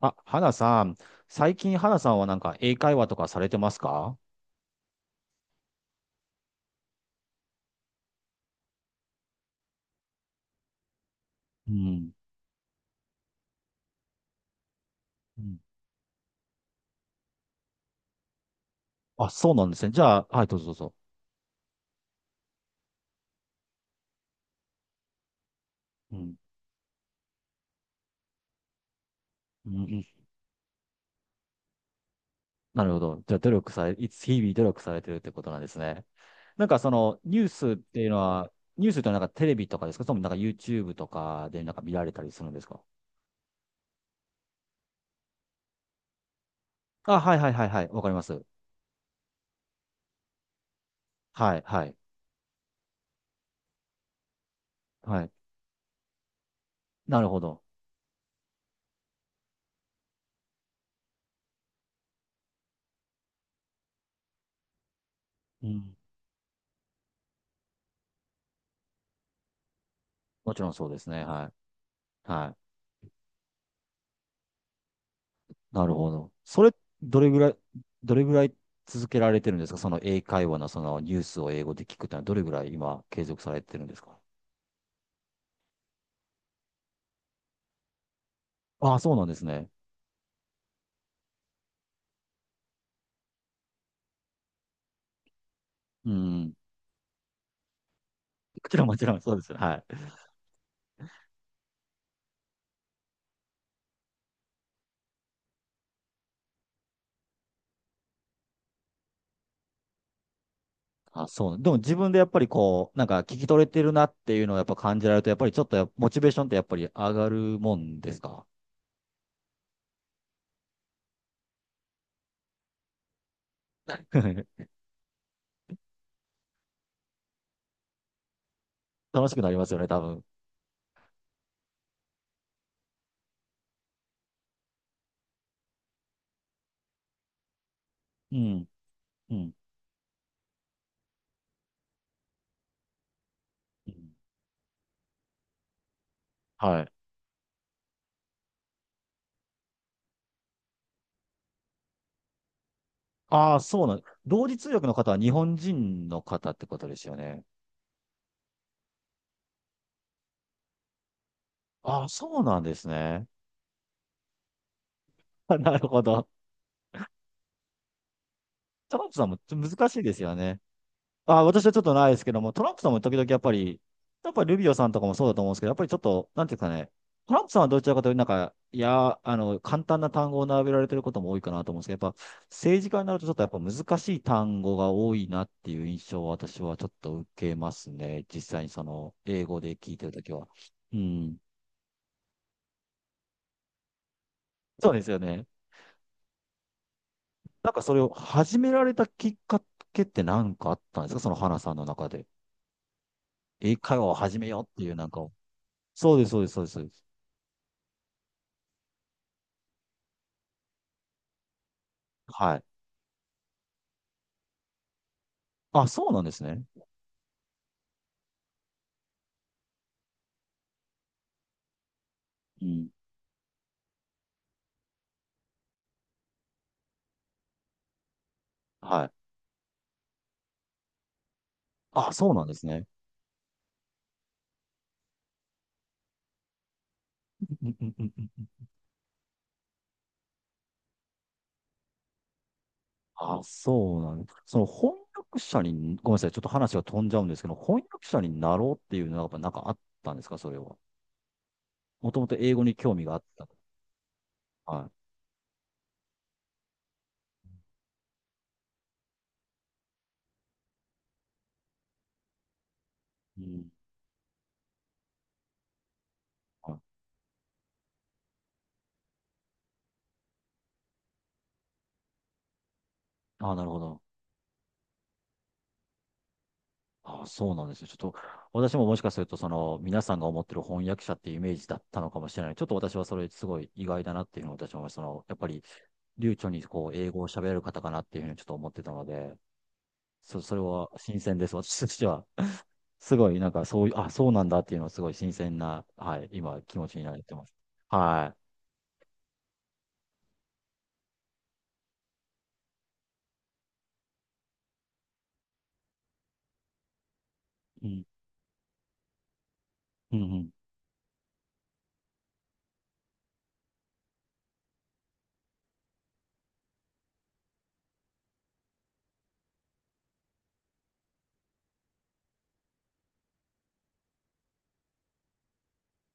あ、花さん、最近花さんはなんか英会話とかされてますか？うん。うん。あ、そうなんですね。じゃあ、はい、どうぞどうぞ。うん。うんうん。なるほど。じゃあ、努力され、いつ日々努力されてるってことなんですね。なんかその、ニュースってのはなんかテレビとかですか？それともなんか YouTube とかでなんか見られたりするんですか？あ、はいはいはいはい。わかります。はい、はい、はい。なるほど。うん。もちろんそうですね。はい。はい。なるほど。どれぐらい、どれぐらい続けられてるんですか？その英会話のそのニュースを英語で聞くってのはどれぐらい今継続されてるんですか？ああ、そうなんですね。うん。もちろんもちろんそうですよ。はい。あ、そう。でも自分でやっぱりこう、なんか聞き取れてるなっていうのをやっぱ感じられると、やっぱりちょっとやモチベーションってやっぱり上がるもんですか？ 楽しくなりますよね、多分。うん。うん。うん。はい。ああ、そうなん。同時通訳の方は日本人の方ってことですよね。ああ、そうなんですね。あ、なるほど。トランプさんも難しいですよね。あ、私はちょっとないですけども、トランプさんも時々やっぱり、やっぱりルビオさんとかもそうだと思うんですけど、やっぱりちょっと、なんていうかね、トランプさんはどちらかというと、なんか、いや、簡単な単語を並べられてることも多いかなと思うんですけど、やっぱ政治家になるとちょっとやっぱ難しい単語が多いなっていう印象を私はちょっと受けますね。実際にその、英語で聞いてるときは。うん。そうですよね。なんかそれを始められたきっかけって何かあったんですか？その花さんの中で。英会話を始めようっていうなんかを、そうです、そうです、そうですそうです。はい。あ、そうなんですね。うん。はい。あ、そうなんですね。うんうんうんうん。あ、そうなんです。その翻訳者に、ごめんなさい、ちょっと話が飛んじゃうんですけど、翻訳者になろうっていうのはやっぱなんかあったんですか、それは。もともと英語に興味があった。はい。うん。はい、あ、なるほど。あ、そうなんですよ。ちょっと、私ももしかすると、その、皆さんが思ってる翻訳者っていうイメージだったのかもしれない。ちょっと私はそれすごい意外だなっていうのを私は思います、その、やっぱり流暢にこう英語を喋れる方かなっていうふうにちょっと思ってたので、それは新鮮です、私としては。すごい、なんかそういう、あ、そうなんだっていうのはすごい新鮮な、はい、今気持ちになってます。はい。うん。うんうん。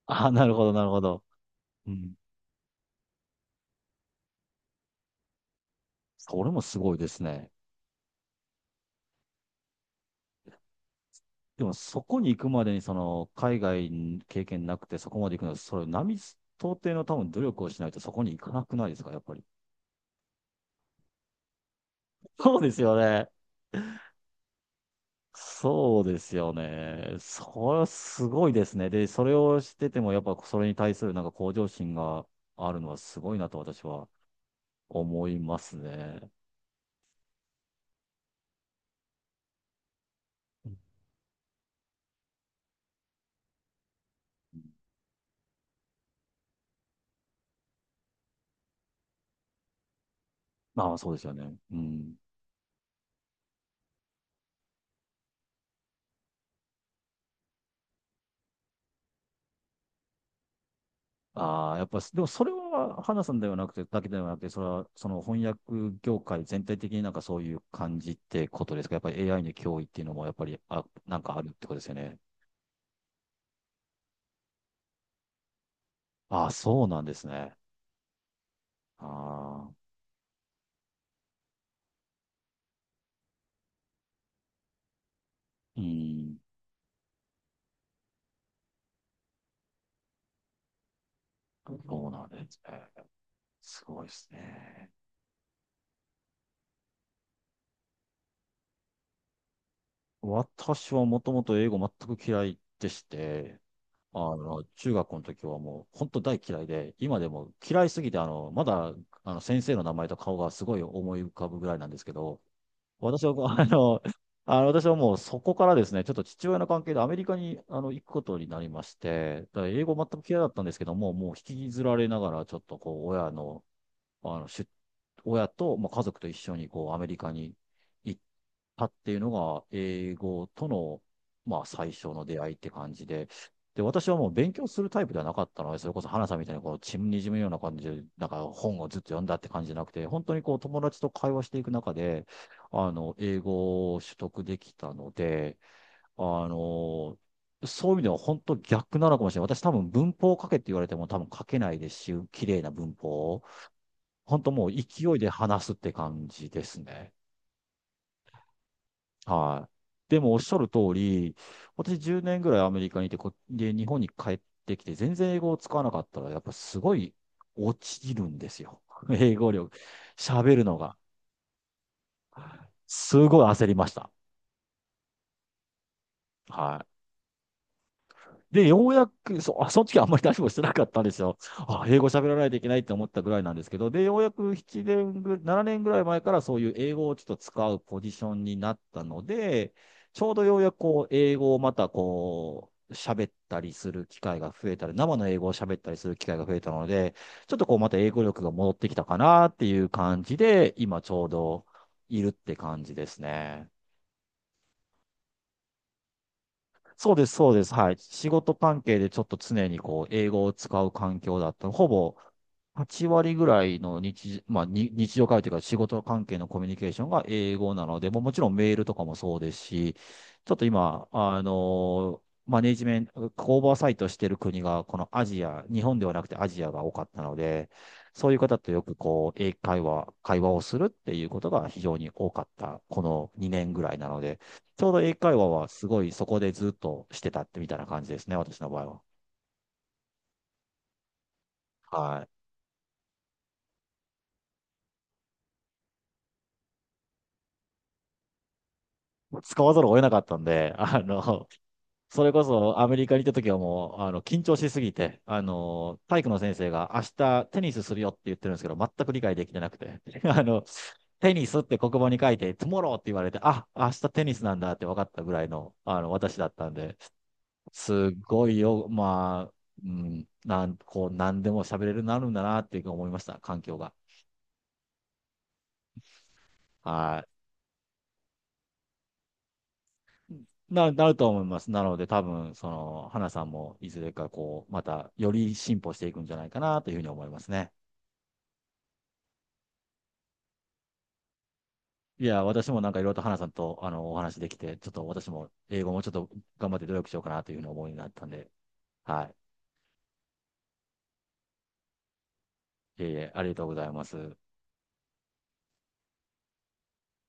あ、なるほど、なるほど。うん。それもすごいですね。でもそこに行くまでに、その、海外経験なくてそこまで行くのは、到底の多分努力をしないとそこに行かなくないですか、やっぱり。そうですよね。そうですよね。それはすごいですね。で、それをしてても、やっぱそれに対するなんか向上心があるのはすごいなと私は思いますね。うん。まあ、そうですよね。うん。ああ、やっぱ、でもそれは、花さんではなくて、だけではなくて、それは、その翻訳業界全体的になんかそういう感じってことですか？やっぱり AI の脅威っていうのも、やっぱり、あ、なんかあるってことですよね。ああ、そうなんですね。ああ、うん、そうなんですね。すごいですね。私はもともと英語全く嫌いでして、あの、中学校の時はもう本当大嫌いで、今でも嫌いすぎて、あの、まだ、あの、先生の名前と顔がすごい思い浮かぶぐらいなんですけど、私は、あの、あの私はもうそこからですね、ちょっと父親の関係でアメリカにあの行くことになりまして、だから英語全く嫌いだったんですけども、もう引きずられながら、ちょっとこう、親のあの、親と、まあ、家族と一緒にこうアメリカに行ったっていうのが、英語との、まあ、最初の出会いって感じで、で、私はもう勉強するタイプではなかったので、それこそ花さんみたいにこう、血にじむような感じで、なんか本をずっと読んだって感じじゃなくて、本当にこう、友達と会話していく中で、あの、英語を取得できたので、あの、そういう意味では本当逆なのかもしれない。私多分文法を書けって言われても多分書けないですし、綺麗な文法を。本当もう勢いで話すって感じですね。はい。でもおっしゃる通り、私10年ぐらいアメリカにいて、で、日本に帰ってきて、全然英語を使わなかったら、やっぱすごい落ちるんですよ。英語力。喋るのが。すごい焦りました。はい。で、ようやく、その時はあんまり何もしてなかったんですよ。あ、英語喋らないといけないって思ったぐらいなんですけど、で、ようやく7年ぐらい前からそういう英語をちょっと使うポジションになったので、ちょうどようやくこう、英語をまたこう、喋ったりする機会が増えたり、生の英語を喋ったりする機会が増えたので、ちょっとこう、また英語力が戻ってきたかなっていう感じで、今ちょうどいるって感じですね。そうです、そうです。はい。仕事関係でちょっと常にこう、英語を使う環境だった。ほぼ8割ぐらいの日、まあ、に日常会話というか仕事関係のコミュニケーションが英語なので、もうもちろんメールとかもそうですし、ちょっと今、マネジメント、オーバーサイトしてる国が、このアジア、日本ではなくてアジアが多かったので、そういう方とよくこう、英会話、会話をするっていうことが非常に多かった、この2年ぐらいなので、ちょうど英会話はすごいそこでずっとしてたってみたいな感じですね、私の場合は。はい。使わざるを得なかったんで、あの、それこそアメリカに行った時はもう、あの、緊張しすぎて、あの、体育の先生が明日テニスするよって言ってるんですけど、全く理解できてなくて、あの、テニスって黒板に書いて、トゥモローって言われて、あ、明日テニスなんだって分かったぐらいの、あの、私だったんで、すごいよ、まあ、うん、こう、何でも喋れるようになるんだなっていうふうに思いました、環境が。はい。なると思います。なので、多分、その、花さんも、いずれか、こう、また、より進歩していくんじゃないかな、というふうに思いますね。いや、私もなんか、いろいろと花さんと、あの、お話できて、ちょっと私も、英語もちょっと頑張って努力しようかな、というふうに思いになったんで、はい。えーありがとうございます。